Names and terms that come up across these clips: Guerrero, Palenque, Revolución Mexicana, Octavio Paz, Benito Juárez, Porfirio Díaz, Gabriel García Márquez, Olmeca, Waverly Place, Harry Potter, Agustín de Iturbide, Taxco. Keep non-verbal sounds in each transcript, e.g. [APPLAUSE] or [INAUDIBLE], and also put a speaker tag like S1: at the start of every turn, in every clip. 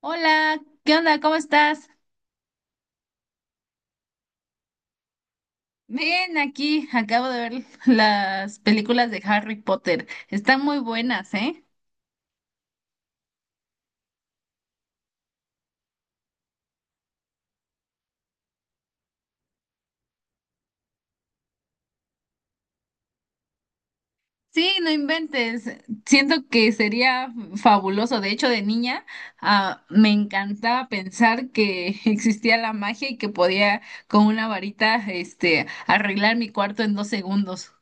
S1: Hola, ¿qué onda? ¿Cómo estás? Ven aquí, acabo de ver las películas de Harry Potter. Están muy buenas, ¿eh? Sí, no inventes. Siento que sería fabuloso. De hecho, de niña, me encantaba pensar que [LAUGHS] existía la magia y que podía con una varita, arreglar mi cuarto en 2 segundos.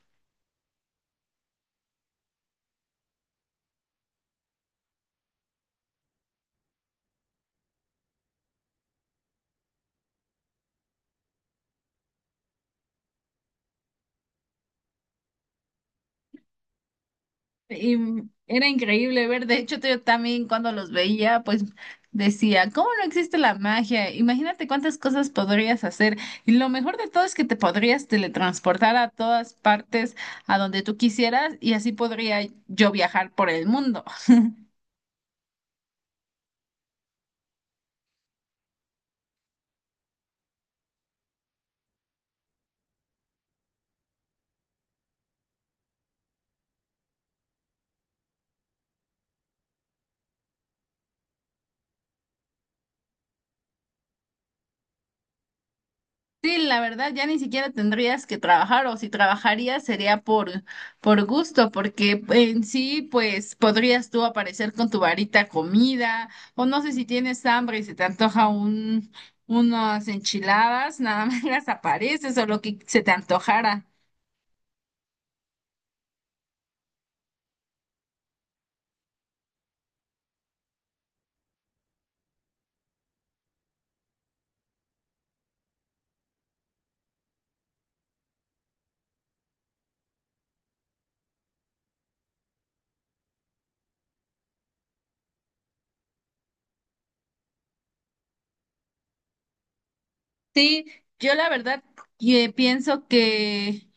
S1: Y era increíble ver, de hecho yo también cuando los veía, pues decía, ¿cómo no existe la magia? Imagínate cuántas cosas podrías hacer. Y lo mejor de todo es que te podrías teletransportar a todas partes, a donde tú quisieras, y así podría yo viajar por el mundo. Sí, la verdad, ya ni siquiera tendrías que trabajar o si trabajarías sería por gusto, porque en sí, pues podrías tú aparecer con tu varita comida o no sé si tienes hambre y se te antoja unas enchiladas, nada más [LAUGHS] las apareces o lo que se te antojara. Sí, yo la verdad pienso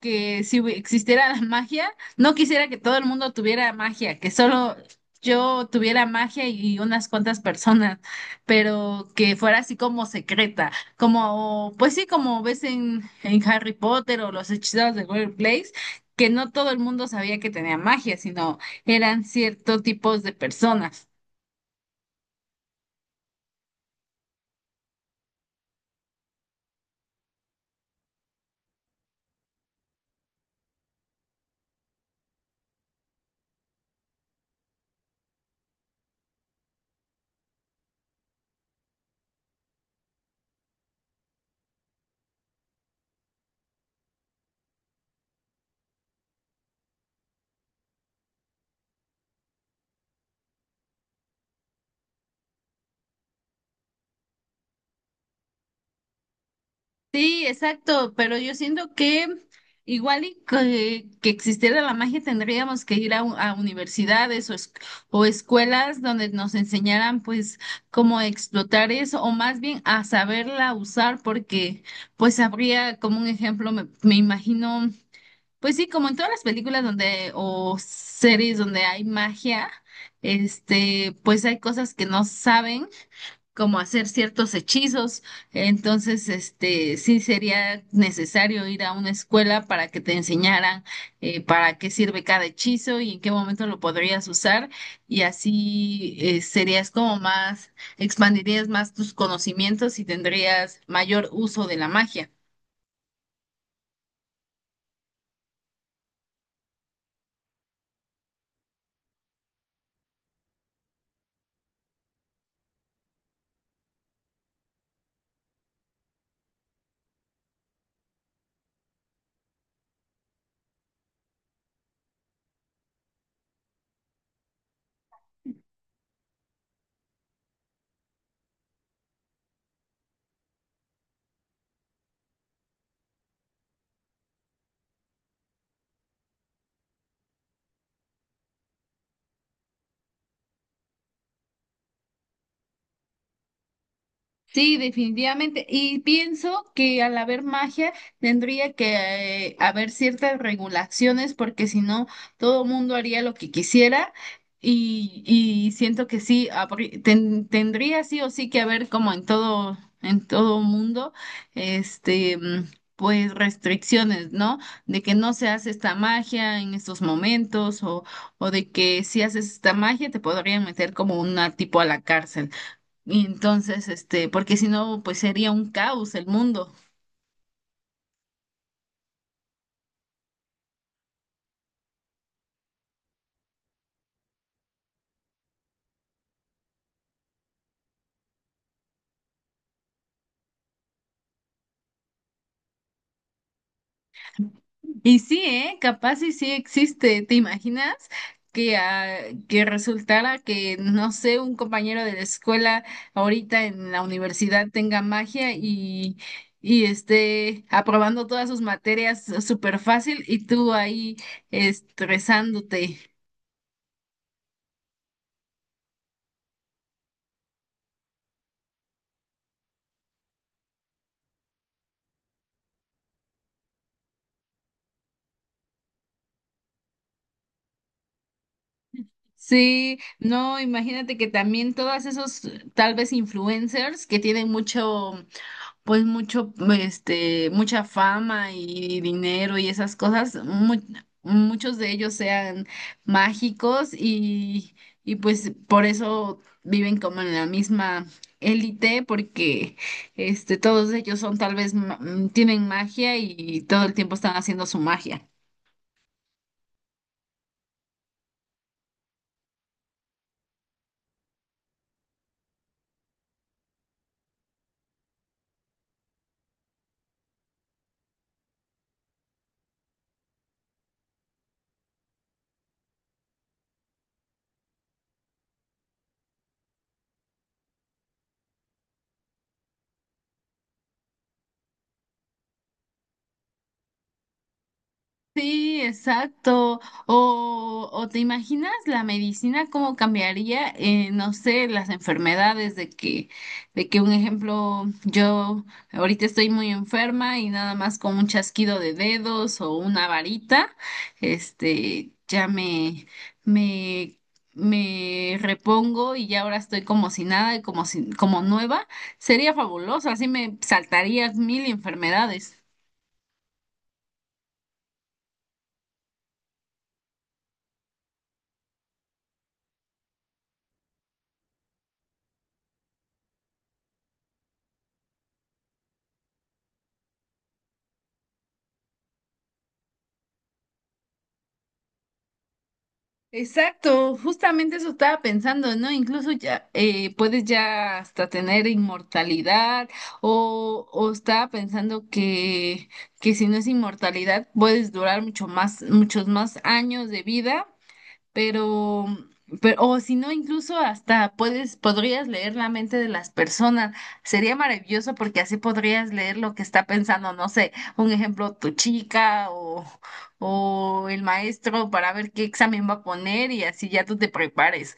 S1: que si existiera la magia, no quisiera que todo el mundo tuviera magia, que solo yo tuviera magia y unas cuantas personas, pero que fuera así como secreta, como, pues sí, como ves en Harry Potter o los hechiceros de Waverly Place, que no todo el mundo sabía que tenía magia, sino eran ciertos tipos de personas. Sí, exacto, pero yo siento que igual y que existiera la magia tendríamos que ir a universidades o escuelas donde nos enseñaran pues cómo explotar eso o más bien a saberla usar porque pues habría como un ejemplo, me imagino, pues sí, como en todas las películas donde o series donde hay magia, pues hay cosas que no saben como hacer ciertos hechizos. Entonces, sí sería necesario ir a una escuela para que te enseñaran para qué sirve cada hechizo y en qué momento lo podrías usar. Y así serías como más, expandirías más tus conocimientos y tendrías mayor uso de la magia. Sí, definitivamente. Y pienso que al haber magia tendría que haber ciertas regulaciones porque si no, todo mundo haría lo que quisiera y siento que sí, tendría sí o sí que haber como en todo mundo, este, mm, pues restricciones, ¿no? De que no se hace esta magia en estos momentos o de que si haces esta magia te podrían meter como una tipo a la cárcel. Y entonces, porque si no, pues sería un caos el mundo. Y sí, ¿eh? Capaz y sí existe. ¿Te imaginas que, ah, que resultara que, no sé, un compañero de la escuela ahorita en la universidad tenga magia y esté aprobando todas sus materias súper fácil y tú ahí estresándote? Sí, no, imagínate que también todos esos tal vez influencers que tienen mucho pues mucho, mucha fama y dinero y esas cosas, muchos de ellos sean mágicos y pues por eso viven como en la misma élite, porque todos ellos son tal vez, tienen magia y todo el tiempo están haciendo su magia. Sí, exacto. O te imaginas la medicina cómo cambiaría, no sé, las enfermedades de de que un ejemplo, yo ahorita estoy muy enferma y nada más con un chasquido de dedos o una varita, ya me, me repongo y ya ahora estoy como si nada y como si, como nueva. Sería fabuloso, así me saltaría 1000 enfermedades. Exacto, justamente eso estaba pensando, ¿no? Incluso ya puedes ya hasta tener inmortalidad o estaba pensando que si no es inmortalidad puedes durar mucho más, muchos más años de vida pero, pero o si no, incluso hasta puedes, podrías leer la mente de las personas. Sería maravilloso porque así podrías leer lo que está pensando, no sé, un ejemplo, tu chica o el maestro para ver qué examen va a poner y así ya tú te prepares.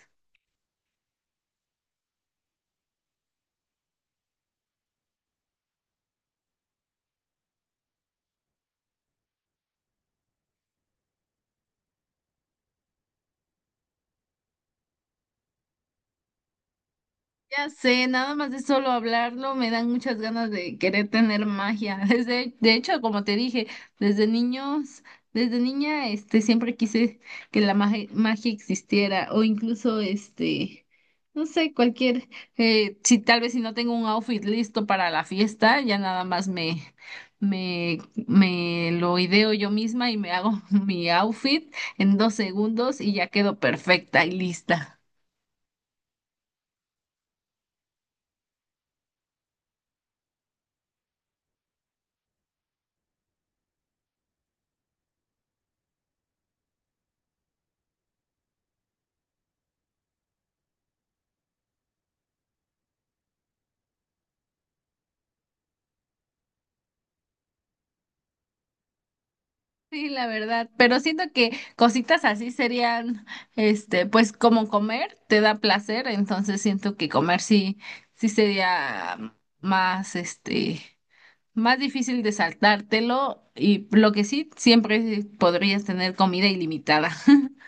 S1: Ya sé, nada más de solo hablarlo me dan muchas ganas de querer tener magia. [LAUGHS] Desde, de hecho, como te dije, desde niños, desde niña, siempre quise que la magia, magia existiera o incluso, no sé, cualquier, si tal vez si no tengo un outfit listo para la fiesta, ya nada más me, me lo ideo yo misma y me hago [LAUGHS] mi outfit en 2 segundos y ya quedo perfecta y lista. Sí, la verdad, pero siento que cositas así serían, pues como comer te da placer, entonces siento que comer sí, sí sería más, más difícil de saltártelo y lo que sí, siempre podrías tener comida ilimitada. [LAUGHS]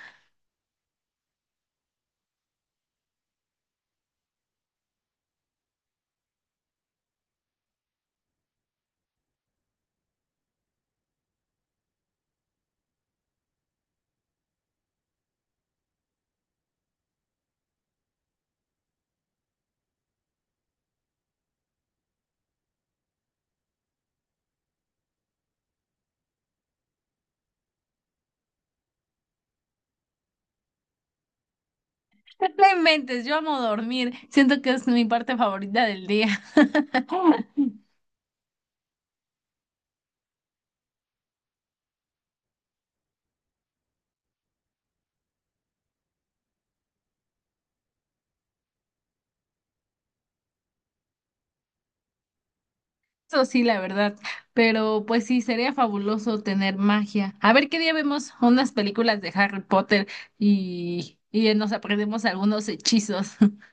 S1: No inventes, yo amo dormir, siento que es mi parte favorita del día. Eso sí, la verdad. Pero pues sí, sería fabuloso tener magia. A ver qué día vemos unas películas de Harry Potter y nos aprendemos algunos hechizos. [LAUGHS]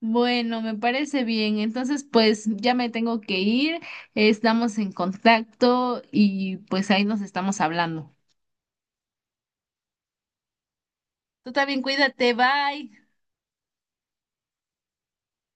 S1: Bueno, me parece bien. Entonces, pues ya me tengo que ir. Estamos en contacto y pues ahí nos estamos hablando. Tú también cuídate, bye.